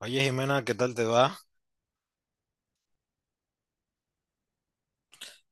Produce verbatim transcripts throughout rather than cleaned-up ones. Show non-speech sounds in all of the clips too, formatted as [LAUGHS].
Oye, Jimena, ¿qué tal te va?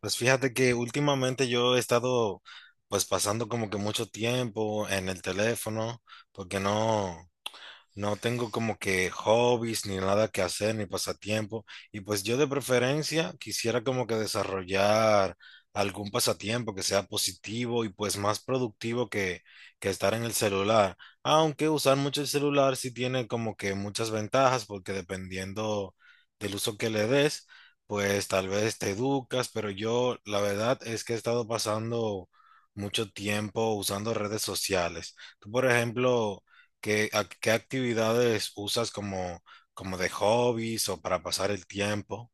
Pues fíjate que últimamente yo he estado pues pasando como que mucho tiempo en el teléfono porque no, No tengo como que hobbies ni nada que hacer ni pasatiempo. Y pues yo de preferencia quisiera como que desarrollar algún pasatiempo que sea positivo y pues más productivo que, que estar en el celular. Aunque usar mucho el celular sí tiene como que muchas ventajas porque dependiendo del uso que le des, pues tal vez te educas, pero yo la verdad es que he estado pasando mucho tiempo usando redes sociales. Tú, por ejemplo... ¿Qué, ac- Qué actividades usas como, como de hobbies o para pasar el tiempo?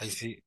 Ay, sí.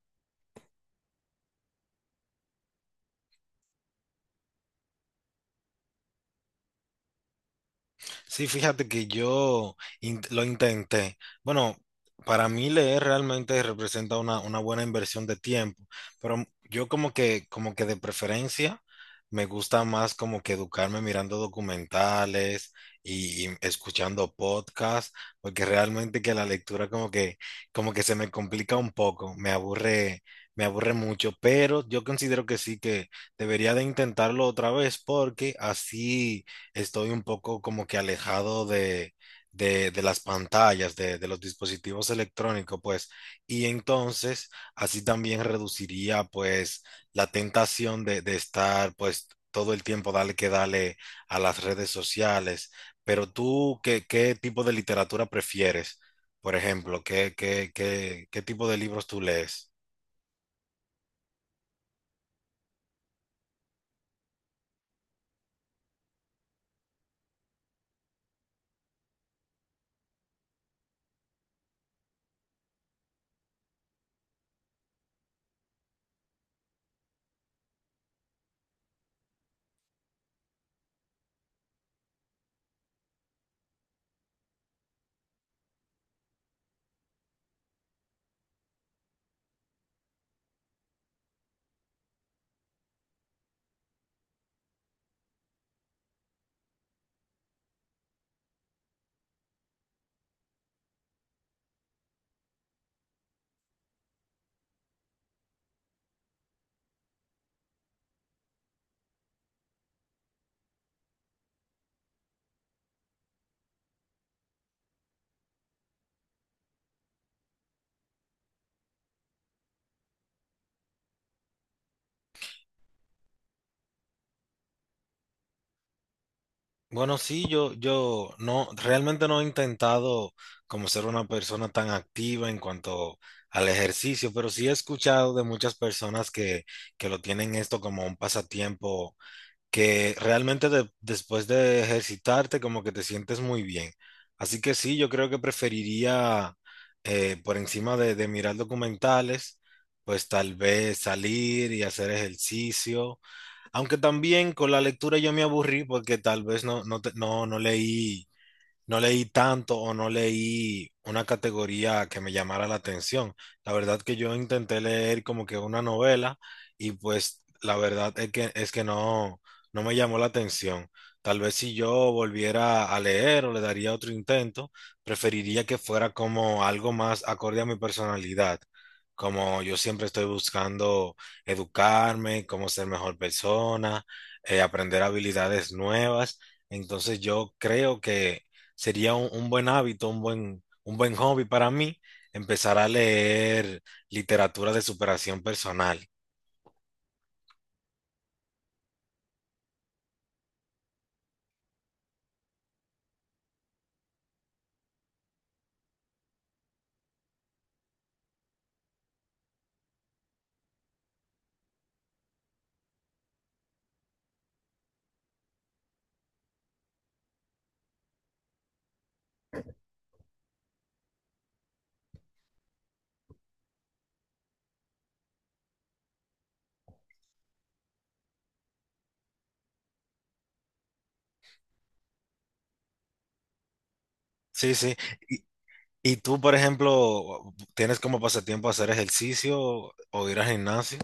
Sí, fíjate que yo in- lo intenté. Bueno, para mí leer realmente representa una, una buena inversión de tiempo, pero m- yo como que, como que de preferencia me gusta más como que educarme mirando documentales y, y escuchando podcasts, porque realmente que la lectura como que, como que se me complica un poco, me aburre, me aburre mucho, pero yo considero que sí que debería de intentarlo otra vez porque así estoy un poco como que alejado de, de, de las pantallas, de, de los dispositivos electrónicos, pues, y entonces así también reduciría pues la tentación de, de estar pues todo el tiempo dale que dale a las redes sociales. Pero tú, ¿qué, qué tipo de literatura prefieres? Por ejemplo, ¿qué, qué, qué, qué tipo de libros tú lees? Bueno, sí, yo, yo no, realmente no he intentado como ser una persona tan activa en cuanto al ejercicio, pero sí he escuchado de muchas personas que, que lo tienen esto como un pasatiempo, que realmente de- después de ejercitarte como que te sientes muy bien. Así que sí, yo creo que preferiría eh, por encima de, de mirar documentales, pues tal vez salir y hacer ejercicio, aunque también con la lectura yo me aburrí porque tal vez no, no, te- no, no leí, no leí tanto o no leí una categoría que me llamara la atención. La verdad que yo intenté leer como que una novela y pues la verdad es que, es que no, no me llamó la atención. Tal vez si yo volviera a leer o le daría otro intento, preferiría que fuera como algo más acorde a mi personalidad. Como yo siempre estoy buscando educarme, cómo ser mejor persona, eh, aprender habilidades nuevas. Entonces yo creo que sería un, un buen hábito, un buen, un buen hobby para mí, empezar a leer literatura de superación personal. Sí, sí. Y, y tú, por ejemplo, ¿tienes como pasatiempo hacer ejercicio o ir al gimnasio?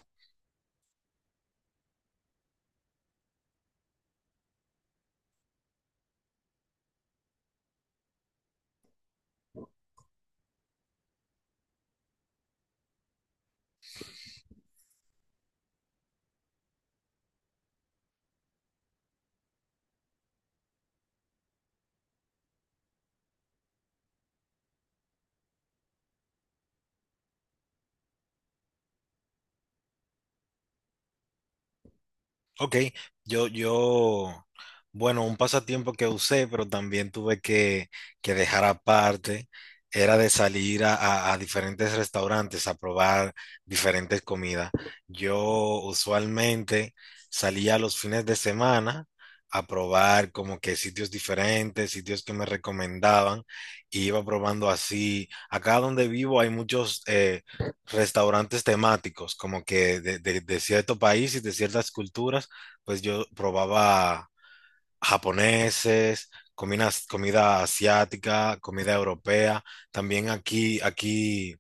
Ok, yo, yo, bueno, un pasatiempo que usé, pero también tuve que, que dejar aparte, era de salir a, a- a diferentes restaurantes a probar diferentes comidas. Yo usualmente salía los fines de semana a probar como que sitios diferentes, sitios que me recomendaban, y iba probando así. Acá donde vivo hay muchos eh, restaurantes temáticos, como que de de- de cierto país y de ciertas culturas, pues yo probaba japoneses, comidas- comida asiática, comida europea. También aquí, aquí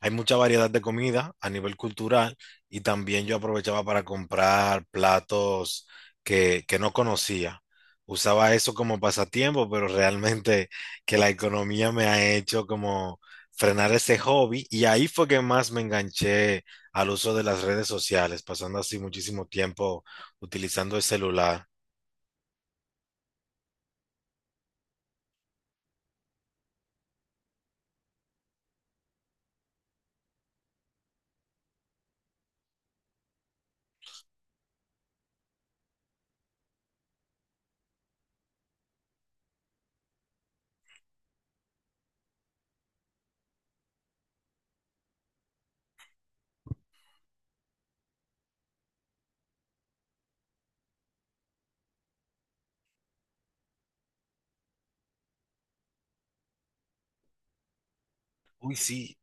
hay mucha variedad de comida a nivel cultural y también yo aprovechaba para comprar platos que, que no conocía. Usaba eso como pasatiempo, pero realmente [LAUGHS] que la economía me ha hecho como frenar ese hobby y ahí fue que más me enganché al uso de las redes sociales, pasando así muchísimo tiempo utilizando el celular. Uy, sí.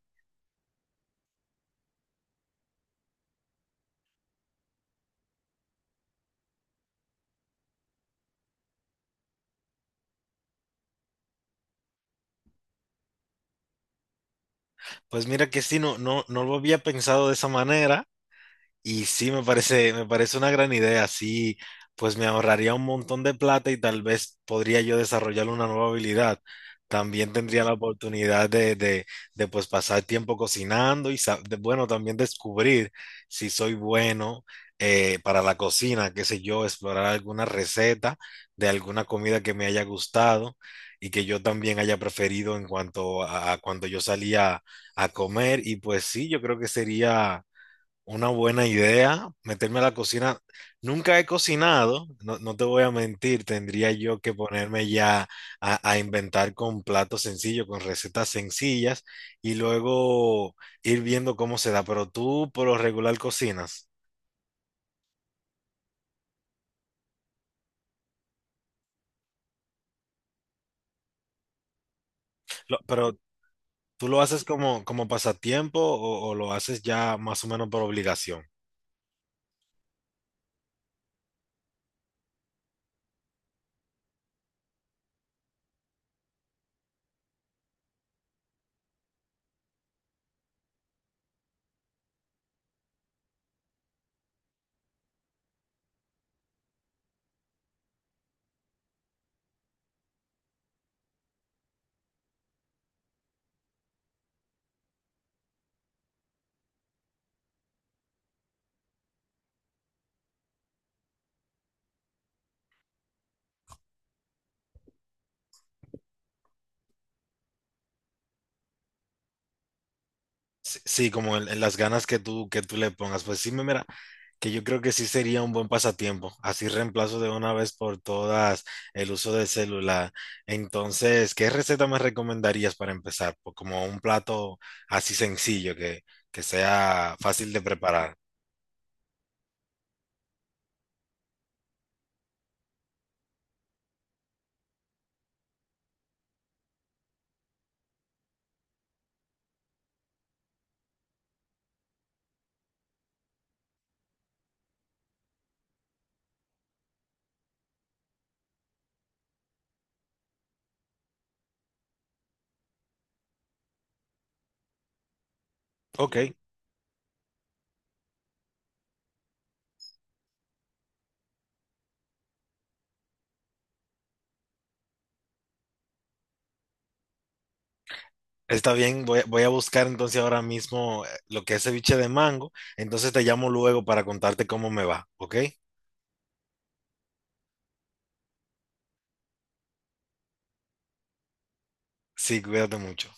Pues mira que sí, no, no, no lo había pensado de esa manera. Y sí, me parece, me parece una gran idea. Sí, pues me ahorraría un montón de plata y tal vez podría yo desarrollar una nueva habilidad. También tendría la oportunidad de, de, de, pues pasar tiempo cocinando y, sa- de- bueno, también descubrir si soy bueno eh, para la cocina, qué sé yo, explorar alguna receta de alguna comida que me haya gustado y que yo también haya preferido en cuanto a, a cuando yo salía a comer. Y pues sí, yo creo que sería una buena idea, meterme a la cocina. Nunca he cocinado, no, no te voy a mentir, tendría yo que ponerme ya a, a inventar con platos sencillos, con recetas sencillas y luego ir viendo cómo se da. Pero tú por lo regular cocinas. Lo- pero tú lo haces como, como pasatiempo o, o lo haces ya más o menos por obligación. Sí, sí, como en, en las ganas que tú, que tú le pongas. Pues sí, me mira, que yo creo que sí sería un buen pasatiempo. Así reemplazo de una vez por todas el uso del celular. Entonces, ¿qué receta me recomendarías para empezar? Pues como un plato así sencillo que, que sea fácil de preparar. Ok, está bien. Voy, a- voy a buscar entonces ahora mismo eh, lo que es ceviche de mango. Entonces te llamo luego para contarte cómo me va. Ok, sí, cuídate mucho.